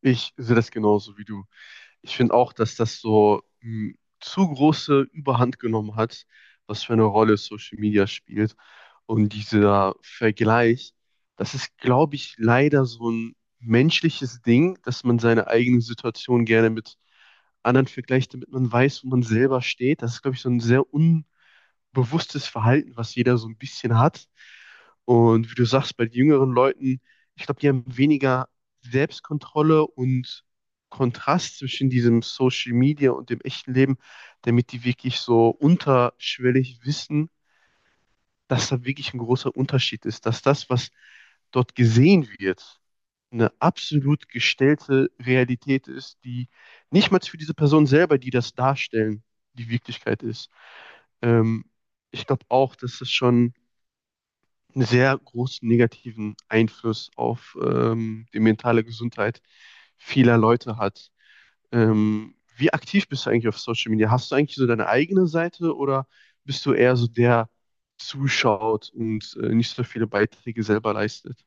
Ich sehe das genauso wie du. Ich finde auch, dass das so zu große Überhand genommen hat, was für eine Rolle Social Media spielt. Und dieser Vergleich, das ist, glaube ich, leider so ein menschliches Ding, dass man seine eigene Situation gerne mit anderen vergleicht, damit man weiß, wo man selber steht. Das ist, glaube ich, so ein sehr unbewusstes Verhalten, was jeder so ein bisschen hat. Und wie du sagst, bei jüngeren Leuten, ich glaube, die haben weniger Selbstkontrolle und Kontrast zwischen diesem Social Media und dem echten Leben, damit die wirklich so unterschwellig wissen, dass da wirklich ein großer Unterschied ist, dass das, was dort gesehen wird, eine absolut gestellte Realität ist, die nicht mal für diese Person selber, die das darstellen, die Wirklichkeit ist. Ähm, ich glaube auch, dass es schon einen sehr großen negativen Einfluss auf die mentale Gesundheit vieler Leute hat. Wie aktiv bist du eigentlich auf Social Media? Hast du eigentlich so deine eigene Seite oder bist du eher so der zuschaut und nicht so viele Beiträge selber leistet?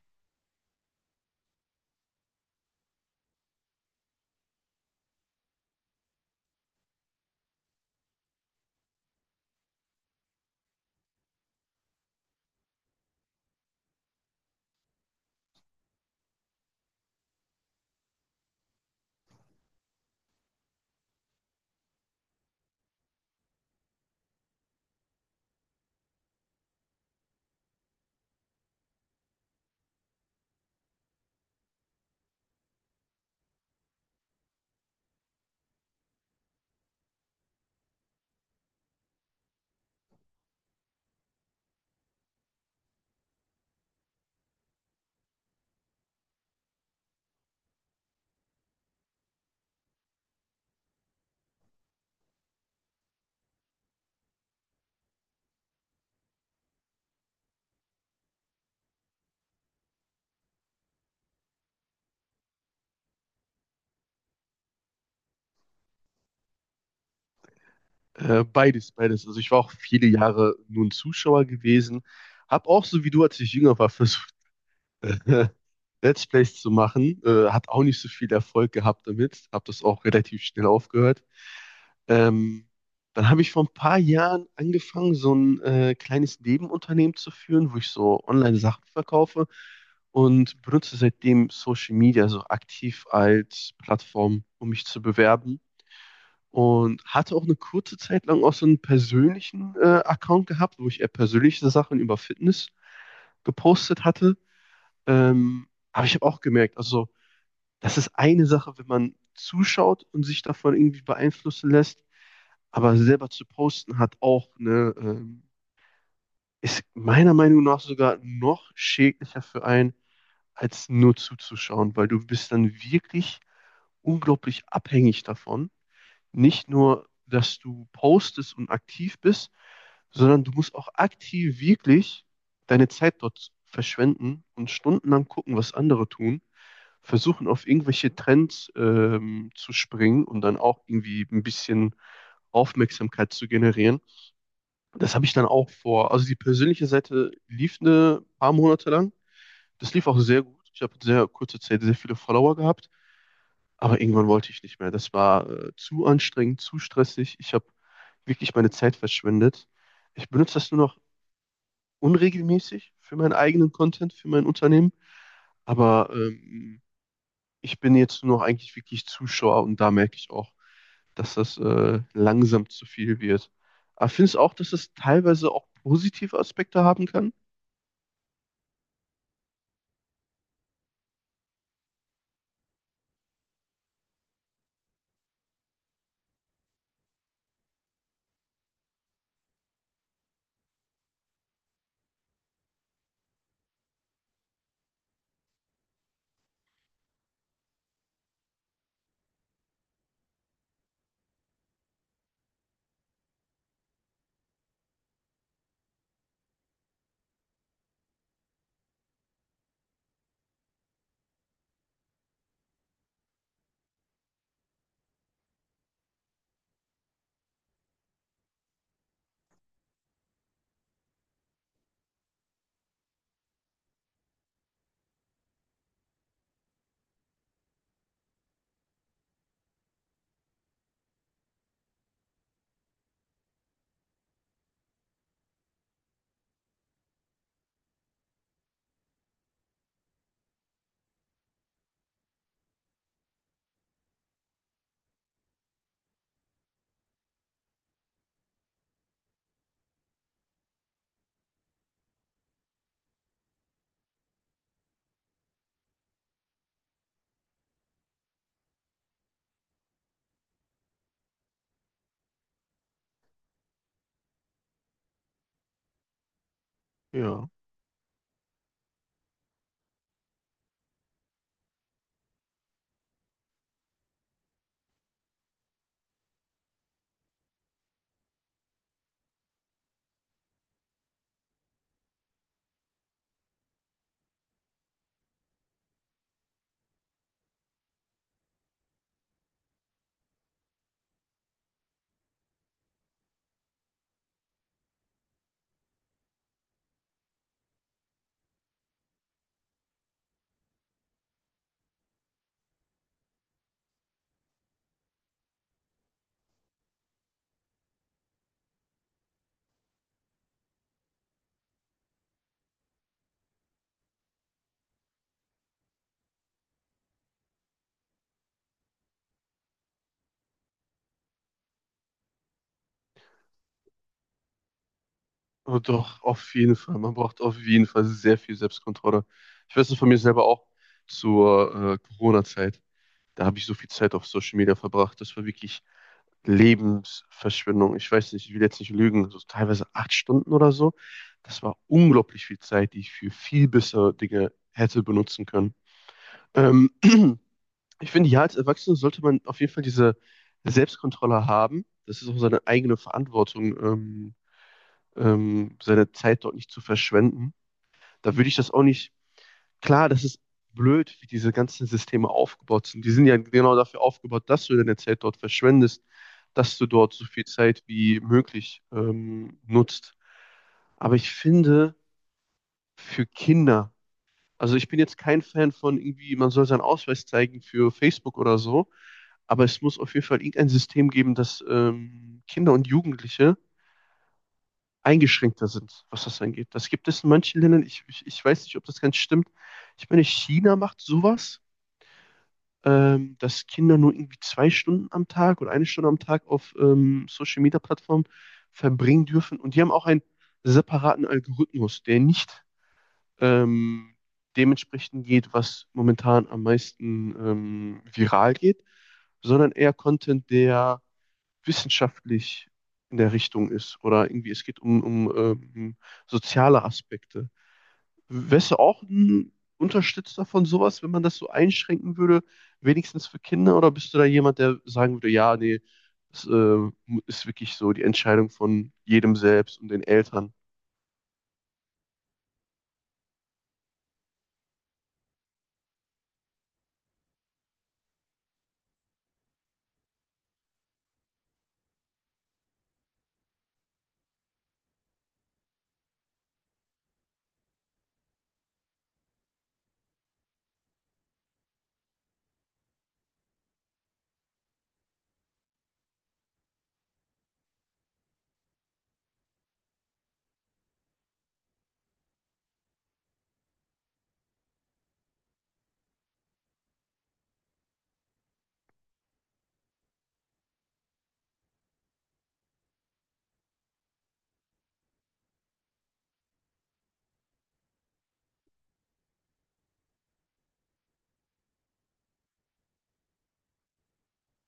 Beides, beides. Also ich war auch viele Jahre nur ein Zuschauer gewesen, habe auch so wie du, als ich jünger war, versucht, äh, Let's Plays zu machen. Hat auch nicht so viel Erfolg gehabt damit. Habe das auch relativ schnell aufgehört. Ähm, dann habe ich vor ein paar Jahren angefangen, so ein kleines Nebenunternehmen zu führen, wo ich so Online-Sachen verkaufe und benutze seitdem Social Media so aktiv als Plattform, um mich zu bewerben. Und hatte auch eine kurze Zeit lang auch so einen persönlichen Account gehabt, wo ich eher persönliche Sachen über Fitness gepostet hatte. Aber ich habe auch gemerkt, also das ist eine Sache, wenn man zuschaut und sich davon irgendwie beeinflussen lässt, aber selber zu posten hat auch ist meiner Meinung nach sogar noch schädlicher für einen, als nur zuzuschauen, weil du bist dann wirklich unglaublich abhängig davon, nicht nur, dass du postest und aktiv bist, sondern du musst auch aktiv wirklich deine Zeit dort verschwenden und stundenlang gucken, was andere tun, versuchen, auf irgendwelche Trends zu springen und dann auch irgendwie ein bisschen Aufmerksamkeit zu generieren. Das habe ich dann auch vor. Also die persönliche Seite lief ein paar Monate lang. Das lief auch sehr gut. Ich habe in sehr kurzer Zeit sehr viele Follower gehabt. Aber irgendwann wollte ich nicht mehr. Das war zu anstrengend, zu stressig. Ich habe wirklich meine Zeit verschwendet. Ich benutze das nur noch unregelmäßig für meinen eigenen Content, für mein Unternehmen. Aber ich bin jetzt nur noch eigentlich wirklich Zuschauer und da merke ich auch, dass das langsam zu viel wird. Aber findest du auch, dass es teilweise auch positive Aspekte haben kann? Ja. Aber doch, auf jeden Fall. Man braucht auf jeden Fall sehr viel Selbstkontrolle. Ich weiß es von mir selber auch zur Corona-Zeit. Da habe ich so viel Zeit auf Social Media verbracht. Das war wirklich Lebensverschwendung. Ich weiß nicht, ich will jetzt nicht lügen. So teilweise 8 Stunden oder so. Das war unglaublich viel Zeit, die ich für viel bessere Dinge hätte benutzen können. Ähm, Ich finde, ja, als Erwachsener sollte man auf jeden Fall diese Selbstkontrolle haben. Das ist auch seine eigene Verantwortung, seine Zeit dort nicht zu verschwenden. Da würde ich das auch nicht. Klar, das ist blöd, wie diese ganzen Systeme aufgebaut sind. Die sind ja genau dafür aufgebaut, dass du deine Zeit dort verschwendest, dass du dort so viel Zeit wie möglich nutzt. Aber ich finde, für Kinder, also ich bin jetzt kein Fan von irgendwie, man soll seinen Ausweis zeigen für Facebook oder so, aber es muss auf jeden Fall irgendein System geben, dass Kinder und Jugendliche eingeschränkter sind, was das angeht. Das gibt es in manchen Ländern, ich weiß nicht, ob das ganz stimmt. Ich meine, China macht sowas, dass Kinder nur irgendwie 2 Stunden am Tag oder 1 Stunde am Tag auf Social-Media-Plattformen verbringen dürfen. Und die haben auch einen separaten Algorithmus, der nicht ähm, dementsprechend geht, was momentan am meisten viral geht, sondern eher Content, der wissenschaftlich in der Richtung ist, oder irgendwie es geht um soziale Aspekte. Wärst du auch ein Unterstützer von sowas, wenn man das so einschränken würde, wenigstens für Kinder? Oder bist du da jemand, der sagen würde, ja, nee, es ist wirklich so die Entscheidung von jedem selbst und den Eltern?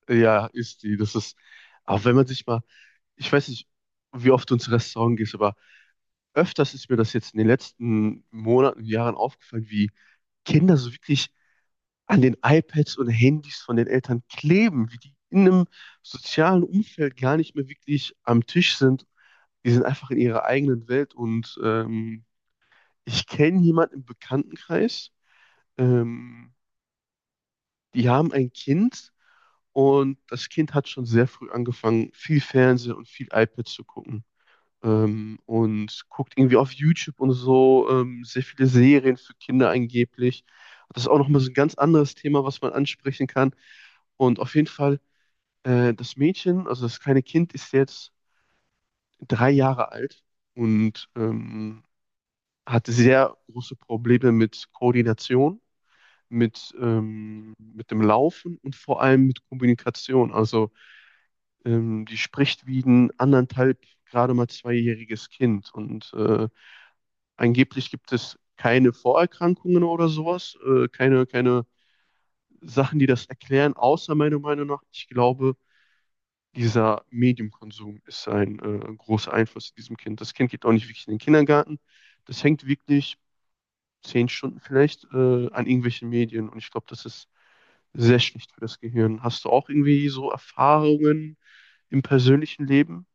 Ja, ist die. Das ist, auch wenn man sich mal, ich weiß nicht, wie oft du ins Restaurant gehst, aber öfters ist mir das jetzt in den letzten Monaten, Jahren aufgefallen, wie Kinder so wirklich an den iPads und Handys von den Eltern kleben, wie die in einem sozialen Umfeld gar nicht mehr wirklich am Tisch sind. Die sind einfach in ihrer eigenen Welt und ich kenne jemanden im Bekanntenkreis, ähm, die haben ein Kind und das Kind hat schon sehr früh angefangen, viel Fernsehen und viel iPad zu gucken. Und guckt irgendwie auf YouTube und so sehr viele Serien für Kinder angeblich. Das ist auch nochmal so ein ganz anderes Thema, was man ansprechen kann. Und auf jeden Fall, das Mädchen, also das kleine Kind, ist jetzt 3 Jahre alt und hat sehr große Probleme mit Koordination, mit dem Laufen und vor allem mit Kommunikation. Also die spricht wie ein anderthalb, gerade mal zweijähriges Kind und angeblich gibt es keine Vorerkrankungen oder sowas, keine Sachen, die das erklären, außer meiner Meinung nach, ich glaube, dieser Mediumkonsum ist ein großer Einfluss in diesem Kind. Das Kind geht auch nicht wirklich in den Kindergarten. Das hängt wirklich 10 Stunden vielleicht an irgendwelchen Medien. Und ich glaube, das ist sehr schlecht für das Gehirn. Hast du auch irgendwie so Erfahrungen im persönlichen Leben?